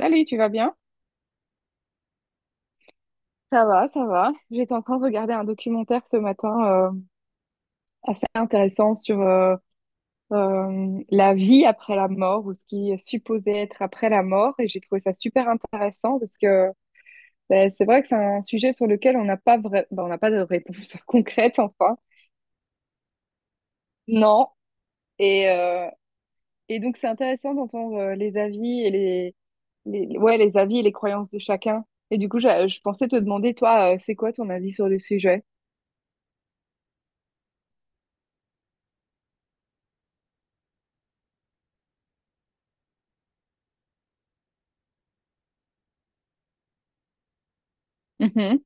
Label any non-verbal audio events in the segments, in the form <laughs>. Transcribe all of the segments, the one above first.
Salut, tu vas bien? Ça va, ça va. J'étais en train de regarder un documentaire ce matin assez intéressant sur la vie après la mort ou ce qui est supposé être après la mort et j'ai trouvé ça super intéressant parce que ben, c'est vrai que c'est un sujet sur lequel on n'a pas ben, on n'a pas de réponse <laughs> concrète enfin. Non. Et, euh, et donc c'est intéressant d'entendre les avis les ouais les avis et les croyances de chacun. Et du coup, je pensais te demander toi, c'est quoi ton avis sur le sujet? Mhm,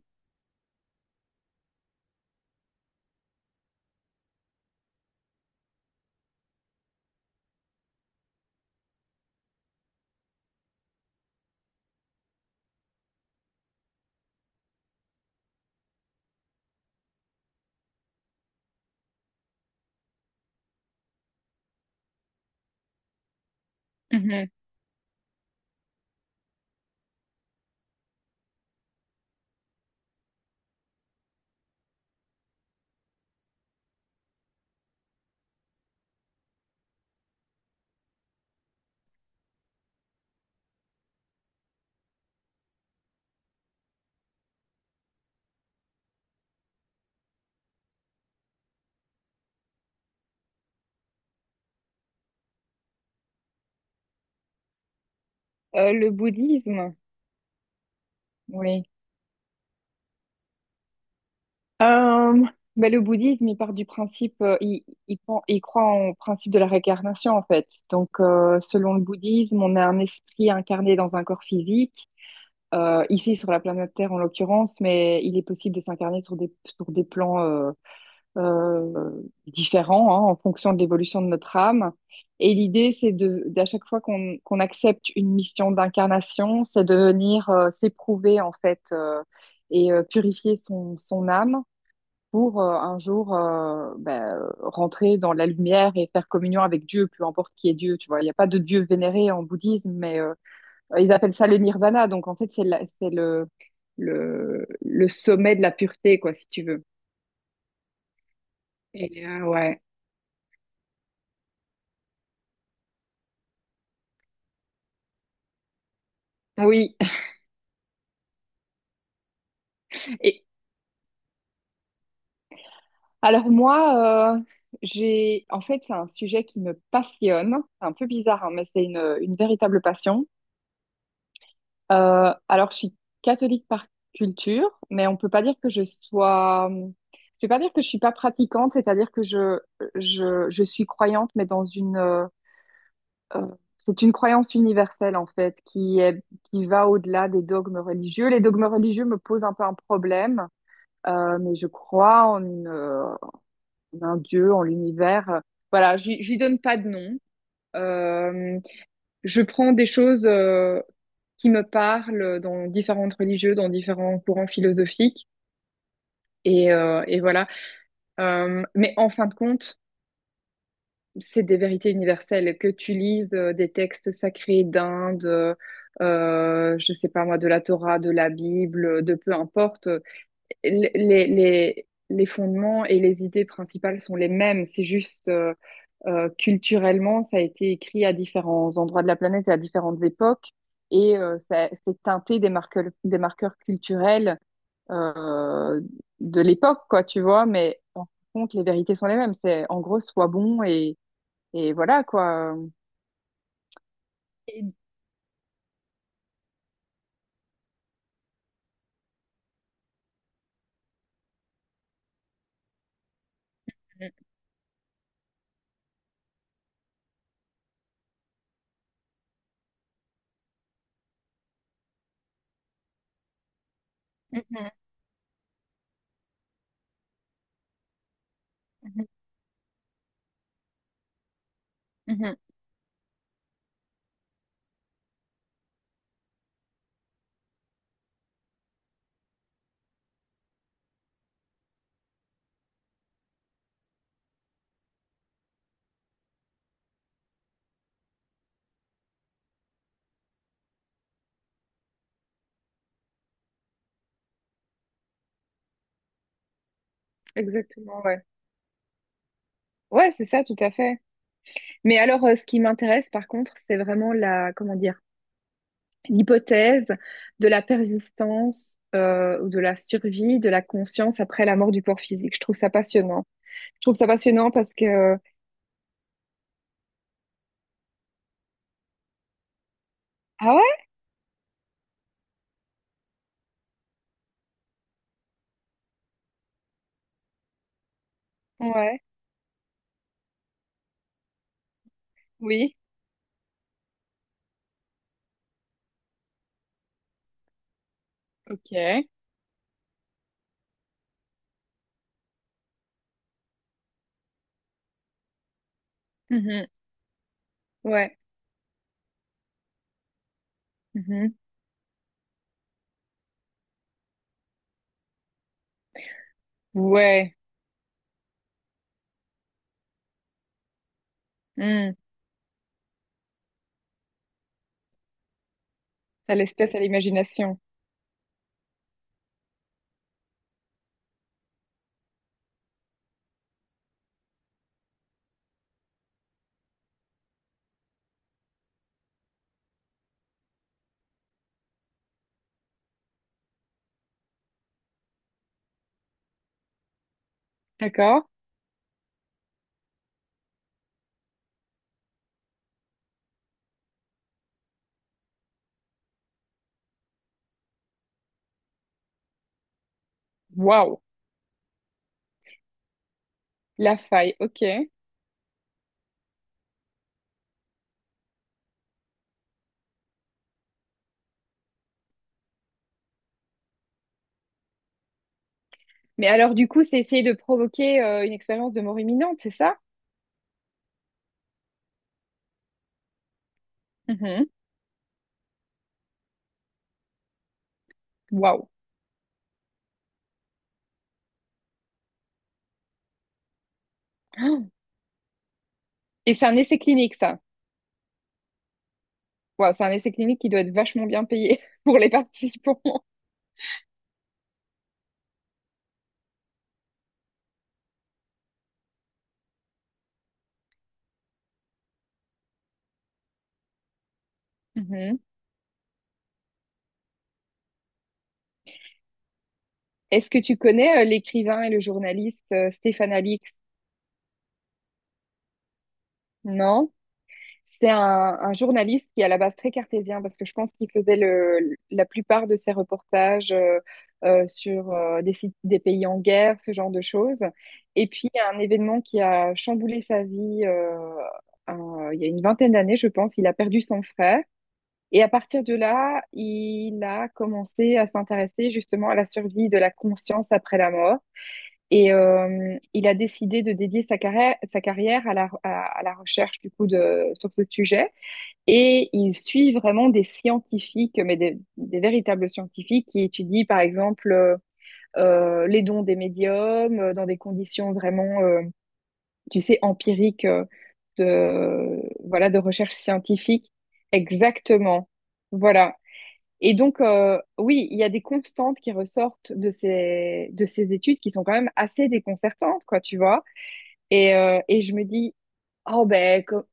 mhm. Le bouddhisme, oui. Euh, ben, le bouddhisme, il part du principe, il croit en principe de la réincarnation, en fait. Donc, selon le bouddhisme, on a un esprit incarné dans un corps physique, ici sur la planète Terre en l'occurrence, mais il est possible de s'incarner sur des plans différents hein, en fonction de l'évolution de notre âme. Et l'idée, c'est de, d'à chaque fois qu'on accepte une mission d'incarnation, c'est de venir s'éprouver en fait et purifier son, son âme pour un jour ben, rentrer dans la lumière et faire communion avec Dieu, peu importe qui est Dieu. Tu vois, il n'y a pas de Dieu vénéré en bouddhisme, mais ils appellent ça le nirvana. Donc en fait, c'est le, le sommet de la pureté, quoi, si tu veux. Et, ouais. Oui. <laughs> Et, alors moi, j'ai en fait c'est un sujet qui me passionne. C'est un peu bizarre, hein, mais c'est une véritable passion. Alors je suis catholique par culture, mais on peut pas dire que je sois. Je vais pas dire que je suis pas pratiquante, c'est-à-dire que je suis croyante, mais dans une euh, c'est une croyance universelle en fait qui est qui va au-delà des dogmes religieux. Les dogmes religieux me posent un peu un problème, mais je crois en une en un dieu, en l'univers. Voilà, j'y donne pas de nom. Euh, je prends des choses qui me parlent dans différentes religieux, dans différents courants philosophiques. Et voilà. Mais en fin de compte, c'est des vérités universelles. Que tu lises des textes sacrés d'Inde, je sais pas moi, de la Torah, de la Bible, de peu importe, les fondements et les idées principales sont les mêmes. C'est juste, euh, culturellement, ça a été écrit à différents endroits de la planète et à différentes époques, et ça c'est teinté des marqueurs culturels euh, de l'époque, quoi, tu vois. Mais en fin de compte, les vérités sont les mêmes. C'est en gros, sois bon et voilà, quoi. Et- mhm, mhm, mhm. Exactement, ouais. Ouais, c'est ça, tout à fait. Mais alors, ce qui m'intéresse, par contre, c'est vraiment la, comment dire, l'hypothèse de la persistance ou de la survie de la conscience après la mort du corps physique. Je trouve ça passionnant. Je trouve ça passionnant parce que... Ah ouais? Ouais. Oui. Ok. Mhm. Ouais. Mhm. Ouais. Hmm. Ça laisse place à l'imagination. D'accord? Waouh. La faille. Ok. Mais alors, du coup, c'est essayer de provoquer une expérience de mort imminente, c'est ça? Mhm. Waouh. Oh. Et c'est un essai clinique, ça. Waouh, c'est un essai clinique qui doit être vachement bien payé <laughs> pour les participants. Mhm. Est-ce que tu connais l'écrivain et le journaliste Stéphane Alix? Non. C'est un journaliste qui est à la base très cartésien parce que je pense qu'il faisait le, la plupart de ses reportages sur des pays en guerre, ce genre de choses. Et puis, il y a un événement qui a chamboulé sa vie un- il y a une vingtaine d'années, je pense. Il a perdu son frère. Et à partir de là, il a commencé à s'intéresser justement à la survie de la conscience après la mort. Et il a décidé de dédier sa carrière à la recherche du coup de, sur ce sujet. Et il suit vraiment des scientifiques, mais des véritables scientifiques qui étudient par exemple les dons des médiums dans des conditions vraiment, tu sais, empiriques de, voilà, de recherche scientifique. Exactement. Voilà. Et donc, oui, il y a des constantes qui ressortent de ces études qui sont quand même assez déconcertantes, quoi, tu vois. Et je me dis, oh ben, co-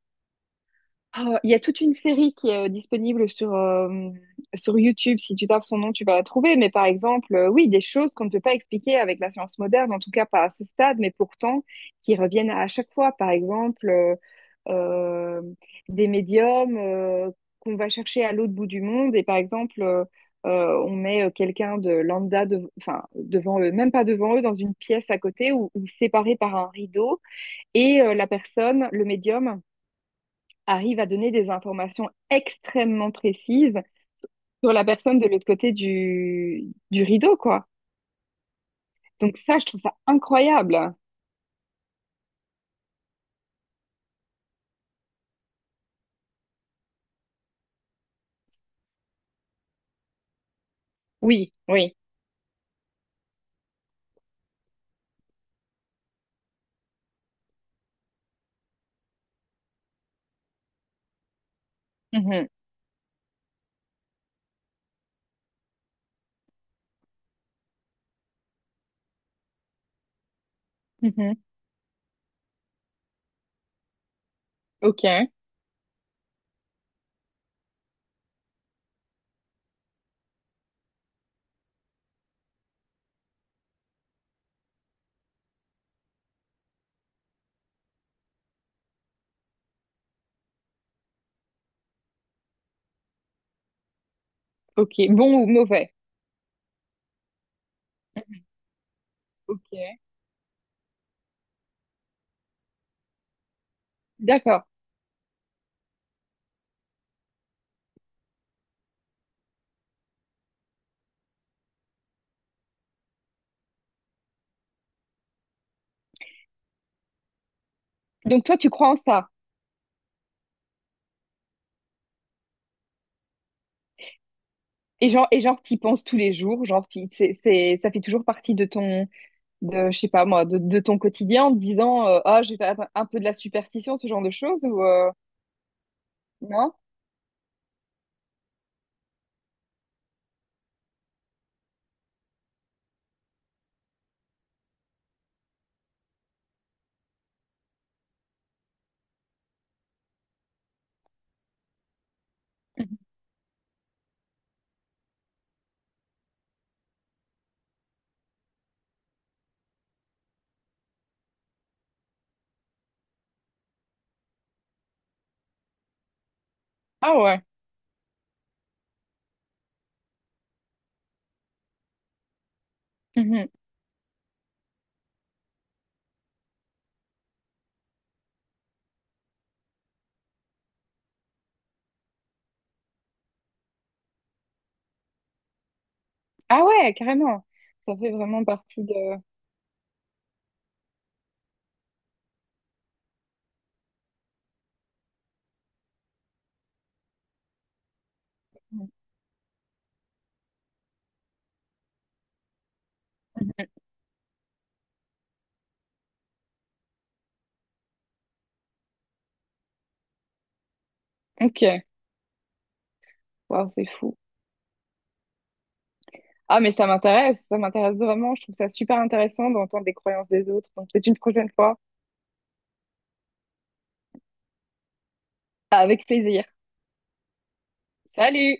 ah, il y a toute une série qui est disponible sur YouTube. Si tu tapes son nom, tu vas la trouver. Mais par exemple, oui, des choses qu'on ne peut pas expliquer avec la science moderne, en tout cas pas à ce stade, mais pourtant qui reviennent à chaque fois. Par exemple, euh, des médiums qu'on va chercher à l'autre bout du monde. Et par exemple, on met quelqu'un de lambda, de, enfin, devant eux, même pas devant eux, dans une pièce à côté ou séparé par un rideau. Et la personne, le médium, arrive à donner des informations extrêmement précises sur la personne de l'autre côté du rideau, quoi. Donc ça, je trouve ça incroyable. Oui, oui. Mhm, mhm. Ok, ok. Bon ou mauvais? Ok. D'accord. Donc toi, tu crois en ça. Et genre, t'y penses tous les jours, genre, t'y- c'est, ça fait toujours partie de ton, de, je sais pas moi, de ton quotidien en te disant, ah, j'ai fait un peu de la superstition, ce genre de choses, ou non? Mhm. Ah ouais. Mhm. Ah ouais, carrément. Ça fait vraiment partie de... Ok, wow, c'est fou. Ah mais ça m'intéresse vraiment. Je trouve ça super intéressant d'entendre les croyances des autres. Donc peut-être une prochaine fois. Avec plaisir. Salut!